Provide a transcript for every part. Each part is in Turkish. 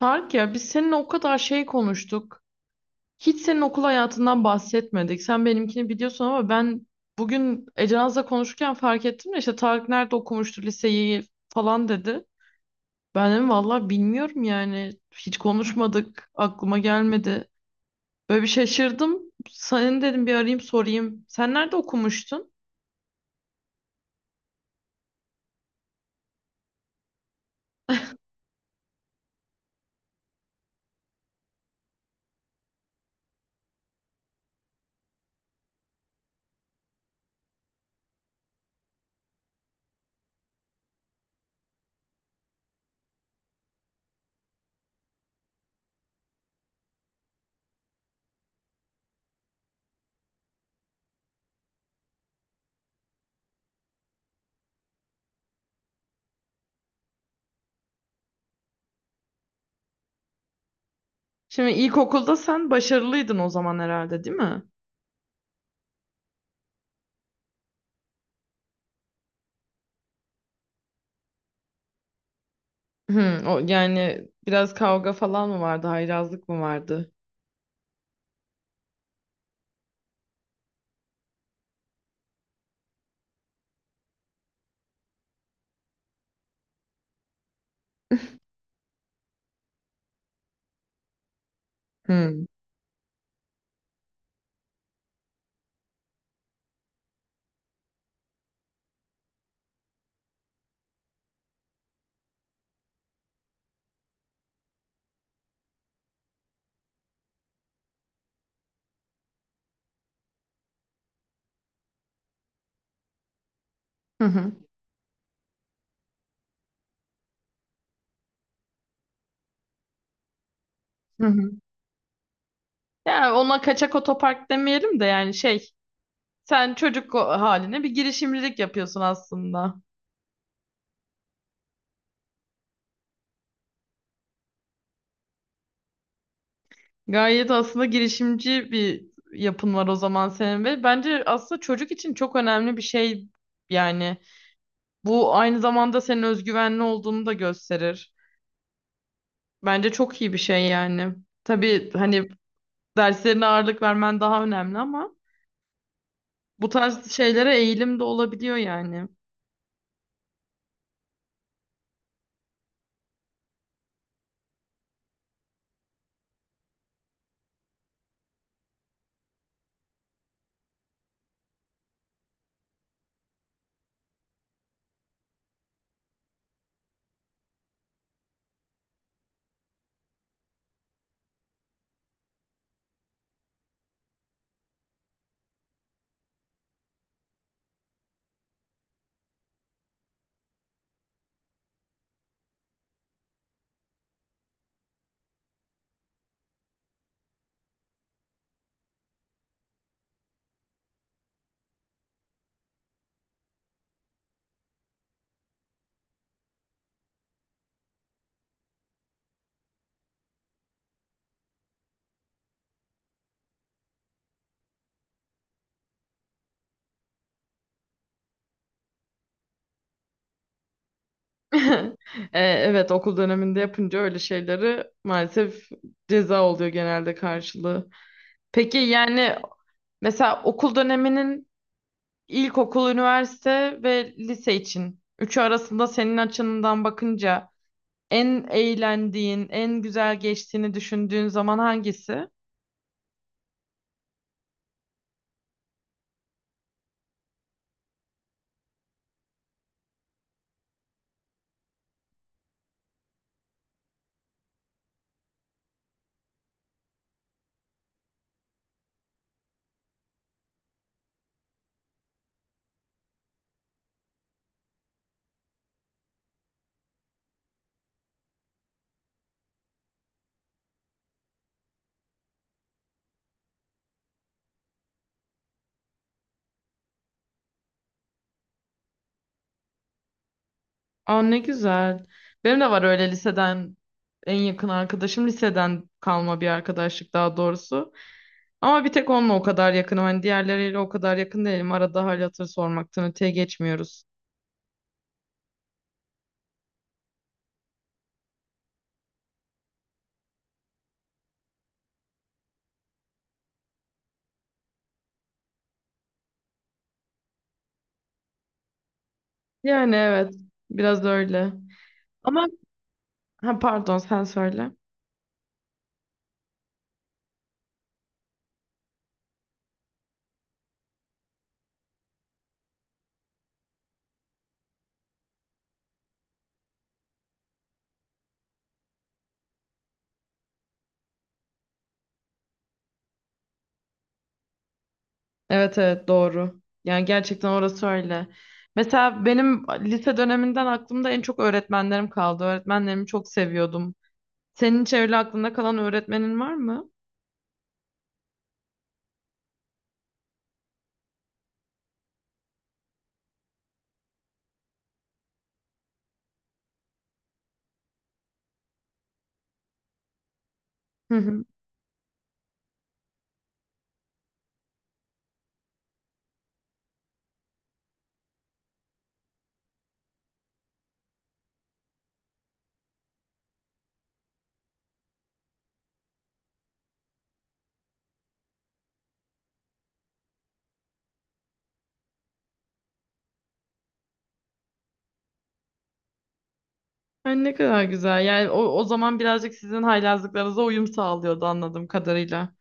Tarık, ya biz seninle o kadar şey konuştuk. Hiç senin okul hayatından bahsetmedik. Sen benimkini biliyorsun ama ben bugün Ece Naz'la konuşurken fark ettim de işte "Tarık nerede okumuştu liseyi falan?" dedi. Ben dedim, valla bilmiyorum yani. Hiç konuşmadık. Aklıma gelmedi. Böyle bir şaşırdım. "Senin," dedim, "bir arayayım sorayım." Sen nerede okumuştun? Şimdi ilkokulda sen başarılıydın o zaman herhalde, değil mi? Hı, o, yani biraz kavga falan mı vardı? Haylazlık mı vardı? Hı. Hı hı. Yani ona kaçak otopark demeyelim de yani şey, sen çocuk haline bir girişimcilik yapıyorsun aslında. Gayet aslında girişimci bir yapın var o zaman senin ve bence aslında çocuk için çok önemli bir şey yani, bu aynı zamanda senin özgüvenli olduğunu da gösterir. Bence çok iyi bir şey yani. Tabii hani derslerine ağırlık vermen daha önemli ama bu tarz şeylere eğilim de olabiliyor yani. E, evet, okul döneminde yapınca öyle şeyleri maalesef ceza oluyor genelde karşılığı. Peki yani mesela okul döneminin ilkokul, üniversite ve lise için üçü arasında senin açından bakınca en eğlendiğin, en güzel geçtiğini düşündüğün zaman hangisi? Aa, ne güzel. Benim de var öyle liseden, en yakın arkadaşım liseden kalma bir arkadaşlık daha doğrusu. Ama bir tek onunla o kadar yakınım. Hani diğerleriyle o kadar yakın değilim. Arada hal hatır sormaktan öteye geçmiyoruz. Yani evet. Biraz öyle. Ama ha, pardon, sen söyle. Evet evet, doğru. Yani gerçekten orası öyle. Mesela benim lise döneminden aklımda en çok öğretmenlerim kaldı. Öğretmenlerimi çok seviyordum. Senin hiç öyle aklında kalan öğretmenin var mı? Hı hı. Ay, ne kadar güzel. Yani o, o zaman birazcık sizin haylazlıklarınıza uyum sağlıyordu anladığım kadarıyla.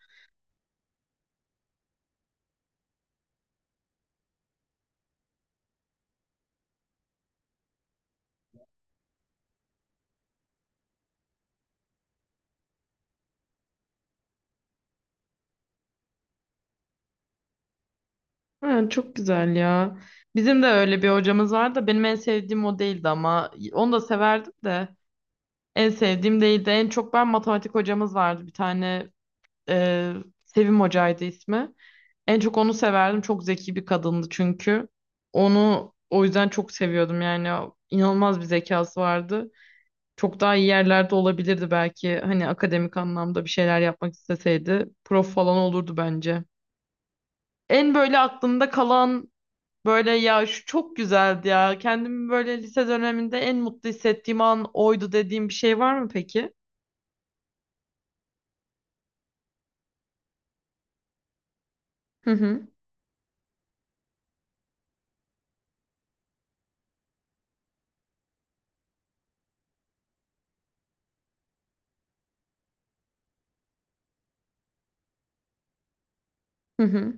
Ha, çok güzel ya. Bizim de öyle bir hocamız vardı, benim en sevdiğim o değildi ama onu da severdim de, en sevdiğim değildi. En çok, ben matematik hocamız vardı bir tane, e, Sevim hocaydı ismi. En çok onu severdim. Çok zeki bir kadındı çünkü. Onu o yüzden çok seviyordum yani, inanılmaz bir zekası vardı. Çok daha iyi yerlerde olabilirdi belki, hani akademik anlamda bir şeyler yapmak isteseydi. Prof falan olurdu bence. En böyle aklımda kalan, böyle ya şu çok güzeldi ya, kendimi böyle lise döneminde en mutlu hissettiğim an oydu dediğim bir şey var mı peki? Hı hı. Hı hı.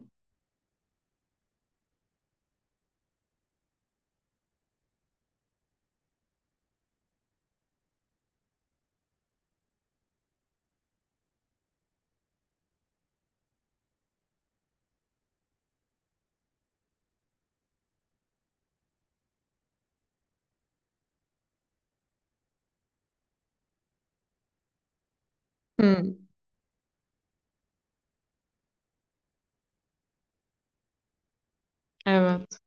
Hı. Evet.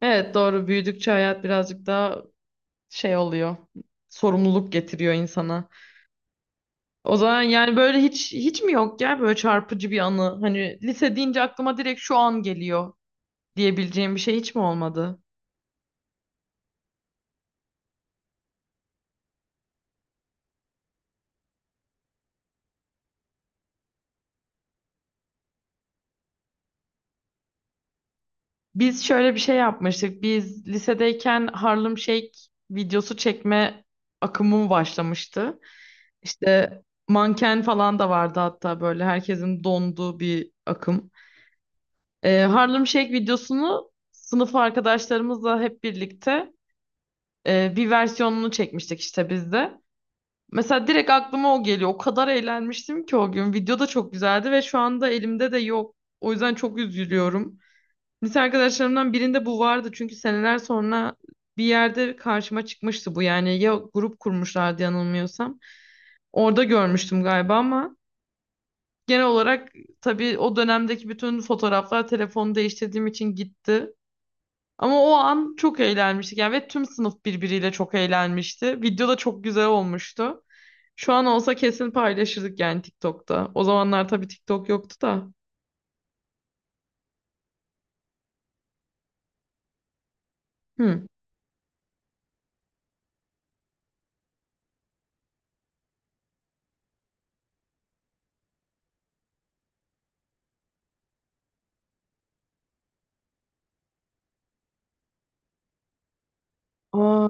Evet doğru. Büyüdükçe hayat birazcık daha şey oluyor. Sorumluluk getiriyor insana. O zaman yani böyle hiç hiç mi yok ya böyle çarpıcı bir anı? Hani lise deyince aklıma direkt şu an geliyor diyebileceğim bir şey hiç mi olmadı? Biz şöyle bir şey yapmıştık. Biz lisedeyken Harlem Shake videosu çekme akımı başlamıştı. İşte manken falan da vardı hatta, böyle herkesin donduğu bir akım. Harlem Shake videosunu sınıf arkadaşlarımızla hep birlikte, bir versiyonunu çekmiştik işte biz de. Mesela direkt aklıma o geliyor. O kadar eğlenmiştim ki o gün. Video da çok güzeldi ve şu anda elimde de yok. O yüzden çok üzülüyorum. Lise arkadaşlarımdan birinde bu vardı çünkü, seneler sonra bir yerde karşıma çıkmıştı bu, yani ya grup kurmuşlardı yanılmıyorsam. Orada görmüştüm galiba, ama genel olarak tabii o dönemdeki bütün fotoğraflar telefonu değiştirdiğim için gitti. Ama o an çok eğlenmiştik yani ve tüm sınıf birbiriyle çok eğlenmişti. Video da çok güzel olmuştu. Şu an olsa kesin paylaşırdık yani TikTok'ta. O zamanlar tabii TikTok yoktu da. Hı. Aa,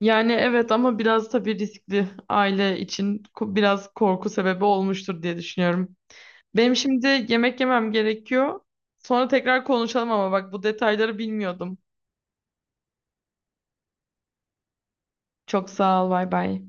yani evet ama biraz tabii riskli, aile için biraz korku sebebi olmuştur diye düşünüyorum. Benim şimdi yemek yemem gerekiyor. Sonra tekrar konuşalım ama bak, bu detayları bilmiyordum. Çok sağ ol, bay bay.